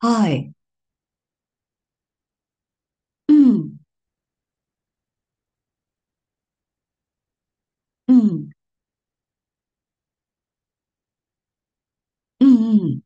はい。うん。うん。うんうん。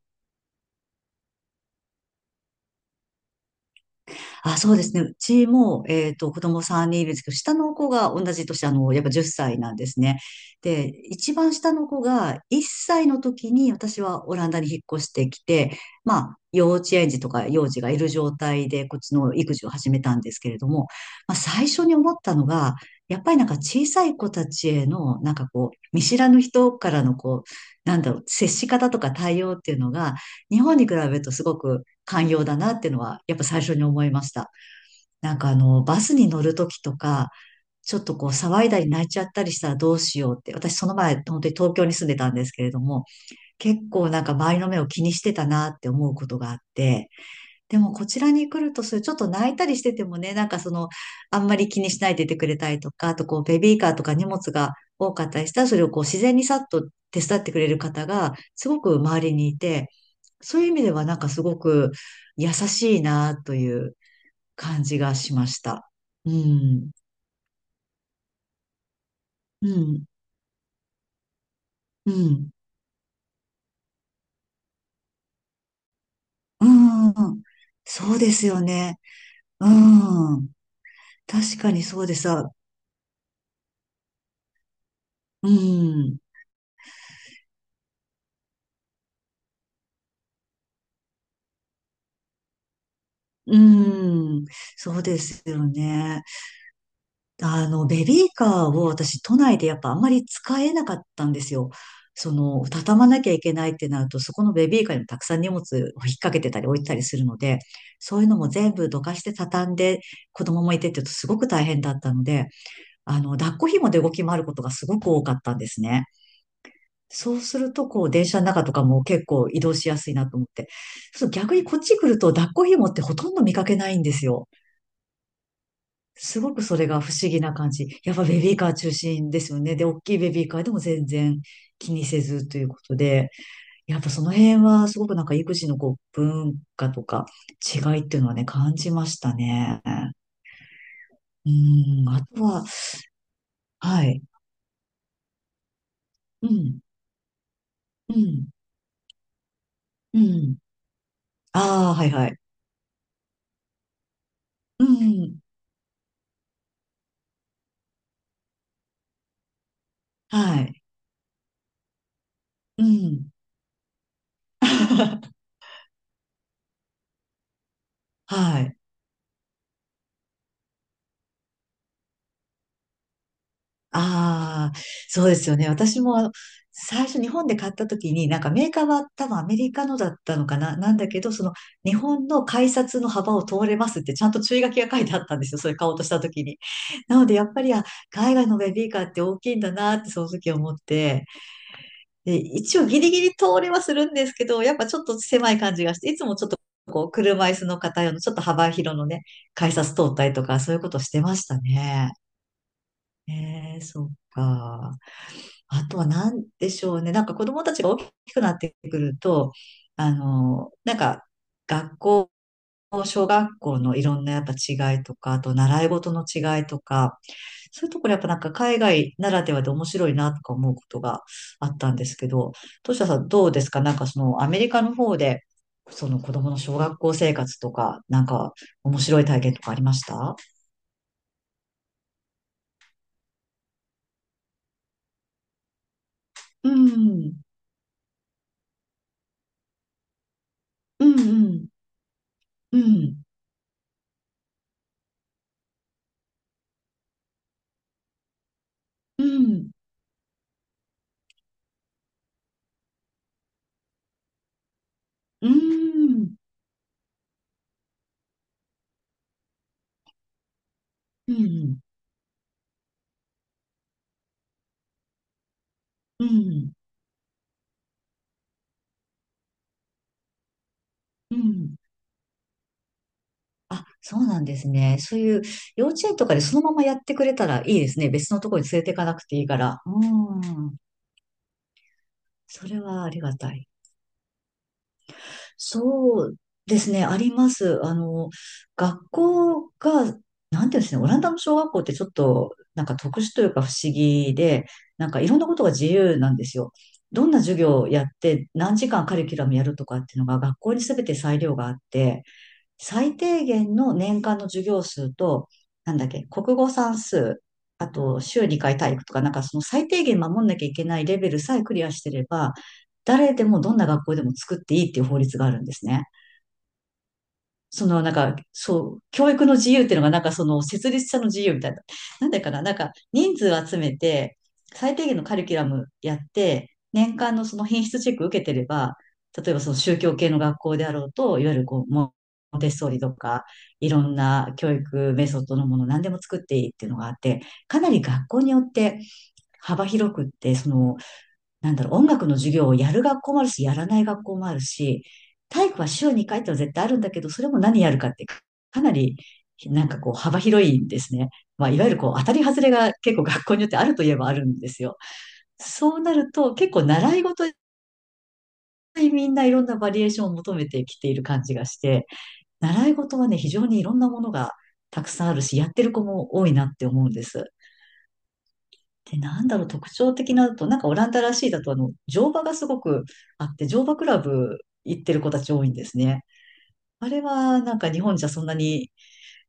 あ、そうですね。うちも、子供3人いるんですけど、下の子が同じ年、やっぱ10歳なんですね。で、一番下の子が1歳の時に私はオランダに引っ越してきて、まあ、幼稚園児とか幼児がいる状態で、こっちの育児を始めたんですけれども、まあ、最初に思ったのが、やっぱりなんか小さい子たちへの、なんかこう、見知らぬ人からのこう、なんだろう、接し方とか対応っていうのが、日本に比べるとすごく寛容だなっていうのは、やっぱ最初に思いました。なんかバスに乗るときとか、ちょっとこう騒いだり泣いちゃったりしたらどうしようって、私その前、本当に東京に住んでたんですけれども、結構なんか周りの目を気にしてたなって思うことがあって、でもこちらに来るとする、ちょっと泣いたりしててもね、なんかその、あんまり気にしないでいてくれたりとか、あとこう、ベビーカーとか荷物が多かったりしたら、それをこう、自然にさっと手伝ってくれる方が、すごく周りにいて、そういう意味ではなんかすごく優しいなという感じがしました。うん、うん、うん、うん。そうですよね。うん。確かにそうでさ、うん、うん。そうですよね。ベビーカーを私、都内でやっぱあんまり使えなかったんですよ。その、畳まなきゃいけないってなると、そこのベビーカーにもたくさん荷物を引っ掛けてたり置いてたりするので、そういうのも全部どかして畳んで、子供もいてって言うとすごく大変だったので、抱っこ紐で動き回ることがすごく多かったんですね。そうすると、こう、電車の中とかも結構移動しやすいなと思って。そう、逆にこっち来ると抱っこ紐ってほとんど見かけないんですよ。すごくそれが不思議な感じ。やっぱベビーカー中心ですよね。で、大きいベビーカーでも全然気にせずということで、やっぱその辺はすごくなんか育児のこう文化とか違いっていうのはね、感じましたね。うん、あとは、はい。うん、うん、うん。ああ、はいはい。うん、はい。うん。はい。ああ、そうですよね。私も最初日本で買った時に、なんかメーカーは多分アメリカのだったのかな、なんだけど、その日本の改札の幅を通れますってちゃんと注意書きが書いてあったんですよ。それ買おうとした時に。なのでやっぱり、あ、海外のベビーカーって大きいんだなってその時思って、で、一応ギリギリ通れはするんですけど、やっぱちょっと狭い感じがして、いつもちょっとこう車椅子の方用のちょっと幅広のね、改札通ったりとかそういうことしてましたね。ええ、そうか。あとは何でしょうね。なんか子供たちが大きくなってくると、なんか学校、小学校のいろんなやっぱ違いとか、あと習い事の違いとか、そういうところやっぱなんか海外ならではで面白いなとか思うことがあったんですけど、トシタさんどうですか、なんかそのアメリカの方で、その子供の小学校生活とか、なんか面白い体験とかありました？うん、うん、うん、うん、うん、うん、うん。うんうん、うん。あ、そうなんですね。そういう幼稚園とかでそのままやってくれたらいいですね。別のところに連れていかなくていいから。うん。それはありがたい。そうですね。あります。学校が、なんていうんですね。オランダの小学校ってちょっと、なんか特殊というか不思議で、なんかいろんなことが自由なんですよ。どんな授業をやって、何時間カリキュラムやるとかっていうのが学校に全て裁量があって、最低限の年間の授業数と、なんだっけ、国語算数、あと週2回体育とか、なんかその最低限守んなきゃいけないレベルさえクリアしてれば、誰でもどんな学校でも作っていいっていう法律があるんですね。そのなんか、そう、教育の自由っていうのがなんかその設立者の自由みたいな。なんだかななんか人数を集めて、最低限のカリキュラムやって、年間のその品質チェック受けてれば、例えばその宗教系の学校であろうと、いわゆるこう、モンテッソーリとか、いろんな教育メソッドのもの何でも作っていいっていうのがあって、かなり学校によって幅広くって、そのなんだろう、音楽の授業をやる学校もあるし、やらない学校もあるし、体育は週2回ってのは絶対あるんだけど、それも何やるかってかかなり、なんかこう幅広いんですね。まあ、いわゆるこう当たり外れが結構学校によってあるといえばあるんですよ。そうなると結構習い事にみんないろんなバリエーションを求めてきている感じがして、習い事はね、非常にいろんなものがたくさんあるし、やってる子も多いなって思うんです。で、なんだろう、特徴的なのと、なんかオランダらしいだと、乗馬がすごくあって、乗馬クラブ行ってる子たち多いんですね。あれは、なんか日本じゃそんなに、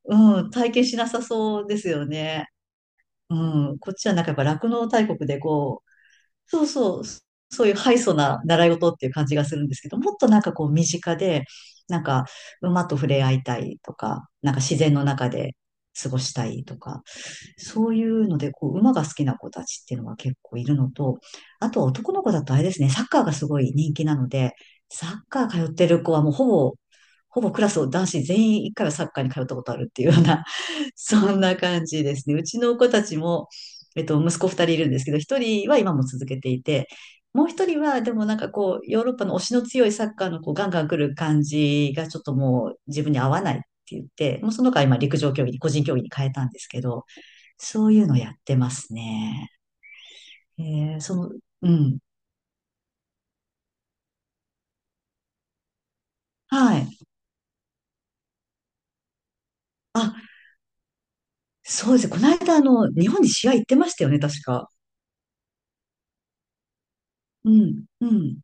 うん、体験しなさそうですよね。うん、こっちはなんかやっぱ酪農大国で、そうそう、そういう敗訴な習い事っていう感じがするんですけど、もっとなんかこう身近で、なんか馬と触れ合いたいとか、なんか自然の中で過ごしたいとか、そういうので、こう馬が好きな子たちっていうのが結構いるのと、あとは男の子だとあれですね、サッカーがすごい人気なので、サッカー通ってる子はもうほぼ、クラスを男子全員一回はサッカーに通ったことあるっていうような、そんな感じですね。うちの子たちも、息子二人いるんですけど、一人は今も続けていて、もう一人は、でもなんかこう、ヨーロッパの推しの強いサッカーのこうガンガン来る感じがちょっともう自分に合わないって言って、もうその子は今陸上競技に、個人競技に変えたんですけど、そういうのやってますね。えその、うん。はい。あ、そうですね。この間、日本に試合行ってましたよね、確か。うん、うん。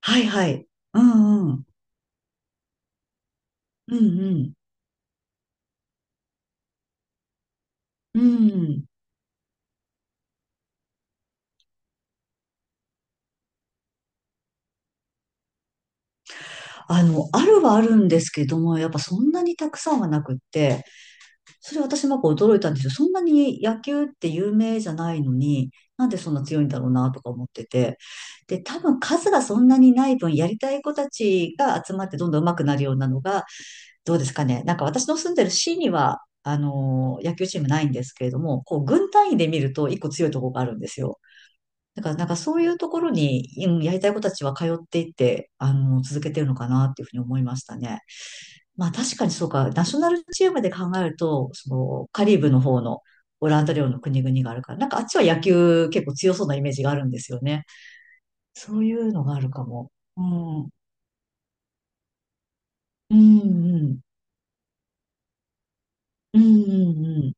はい、はい。うん、うん。うん、うん。うん。あるはあるんですけども、やっぱそんなにたくさんはなくって、それ私もやっぱ驚いたんですよ。そんなに野球って有名じゃないのに、なんでそんな強いんだろうなとか思ってて。で、多分数がそんなにない分、やりたい子たちが集まってどんどん上手くなるようなのが、どうですかね。なんか私の住んでる市には、あの野球チームないんですけれども、こう、軍単位で見ると一個強いところがあるんですよ。だから、なんかそういうところに、うんやりたい子たちは通っていって、続けてるのかなっていうふうに思いましたね。まあ確かにそうか、ナショナルチームで考えると、そのカリブの方のオランダ領の国々があるから、なんかあっちは野球結構強そうなイメージがあるんですよね。そういうのがあるかも。うん。うんうん。うんうんうん。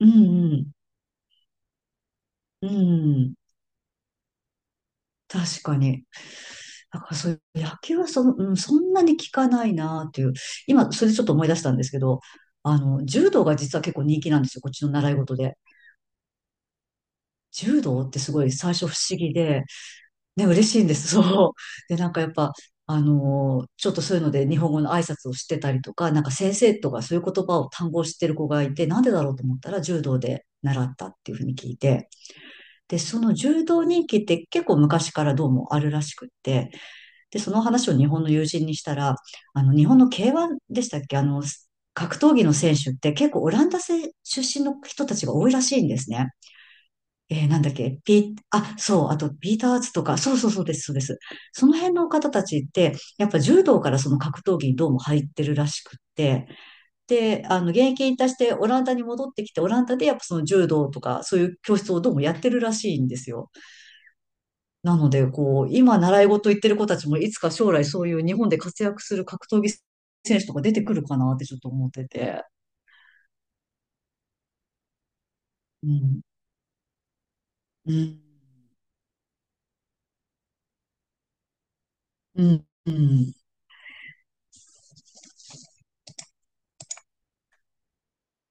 うんうん。うん。確かに。だからそういう野球はその、うん、そんなに効かないなっていう。今、それでちょっと思い出したんですけど、柔道が実は結構人気なんですよ。こっちの習い事で。柔道ってすごい最初不思議で、ね、嬉しいんです。そう。で、なんかやっぱ、ちょっとそういうので日本語の挨拶をしてたりとか、なんか先生とかそういう言葉を単語を知ってる子がいて、なんでだろうと思ったら柔道で習ったっていうふうに聞いて、で、その柔道人気って結構昔からどうもあるらしくって、で、その話を日本の友人にしたら、日本の K1 でしたっけ、格闘技の選手って結構オランダ出身の人たちが多いらしいんですね。なんだっけ、あ、そう、あと、ピーターズとか、そうそうそうです、そうです。その辺の方たちって、やっぱ柔道からその格闘技にどうも入ってるらしくって、で、現役引退してオランダに戻ってきて、オランダでやっぱその柔道とか、そういう教室をどうもやってるらしいんですよ。なので、こう、今習い事行ってる子たちも、いつか将来そういう日本で活躍する格闘技選手とか出てくるかなってちょっと思ってて。うん。うん。うん。うん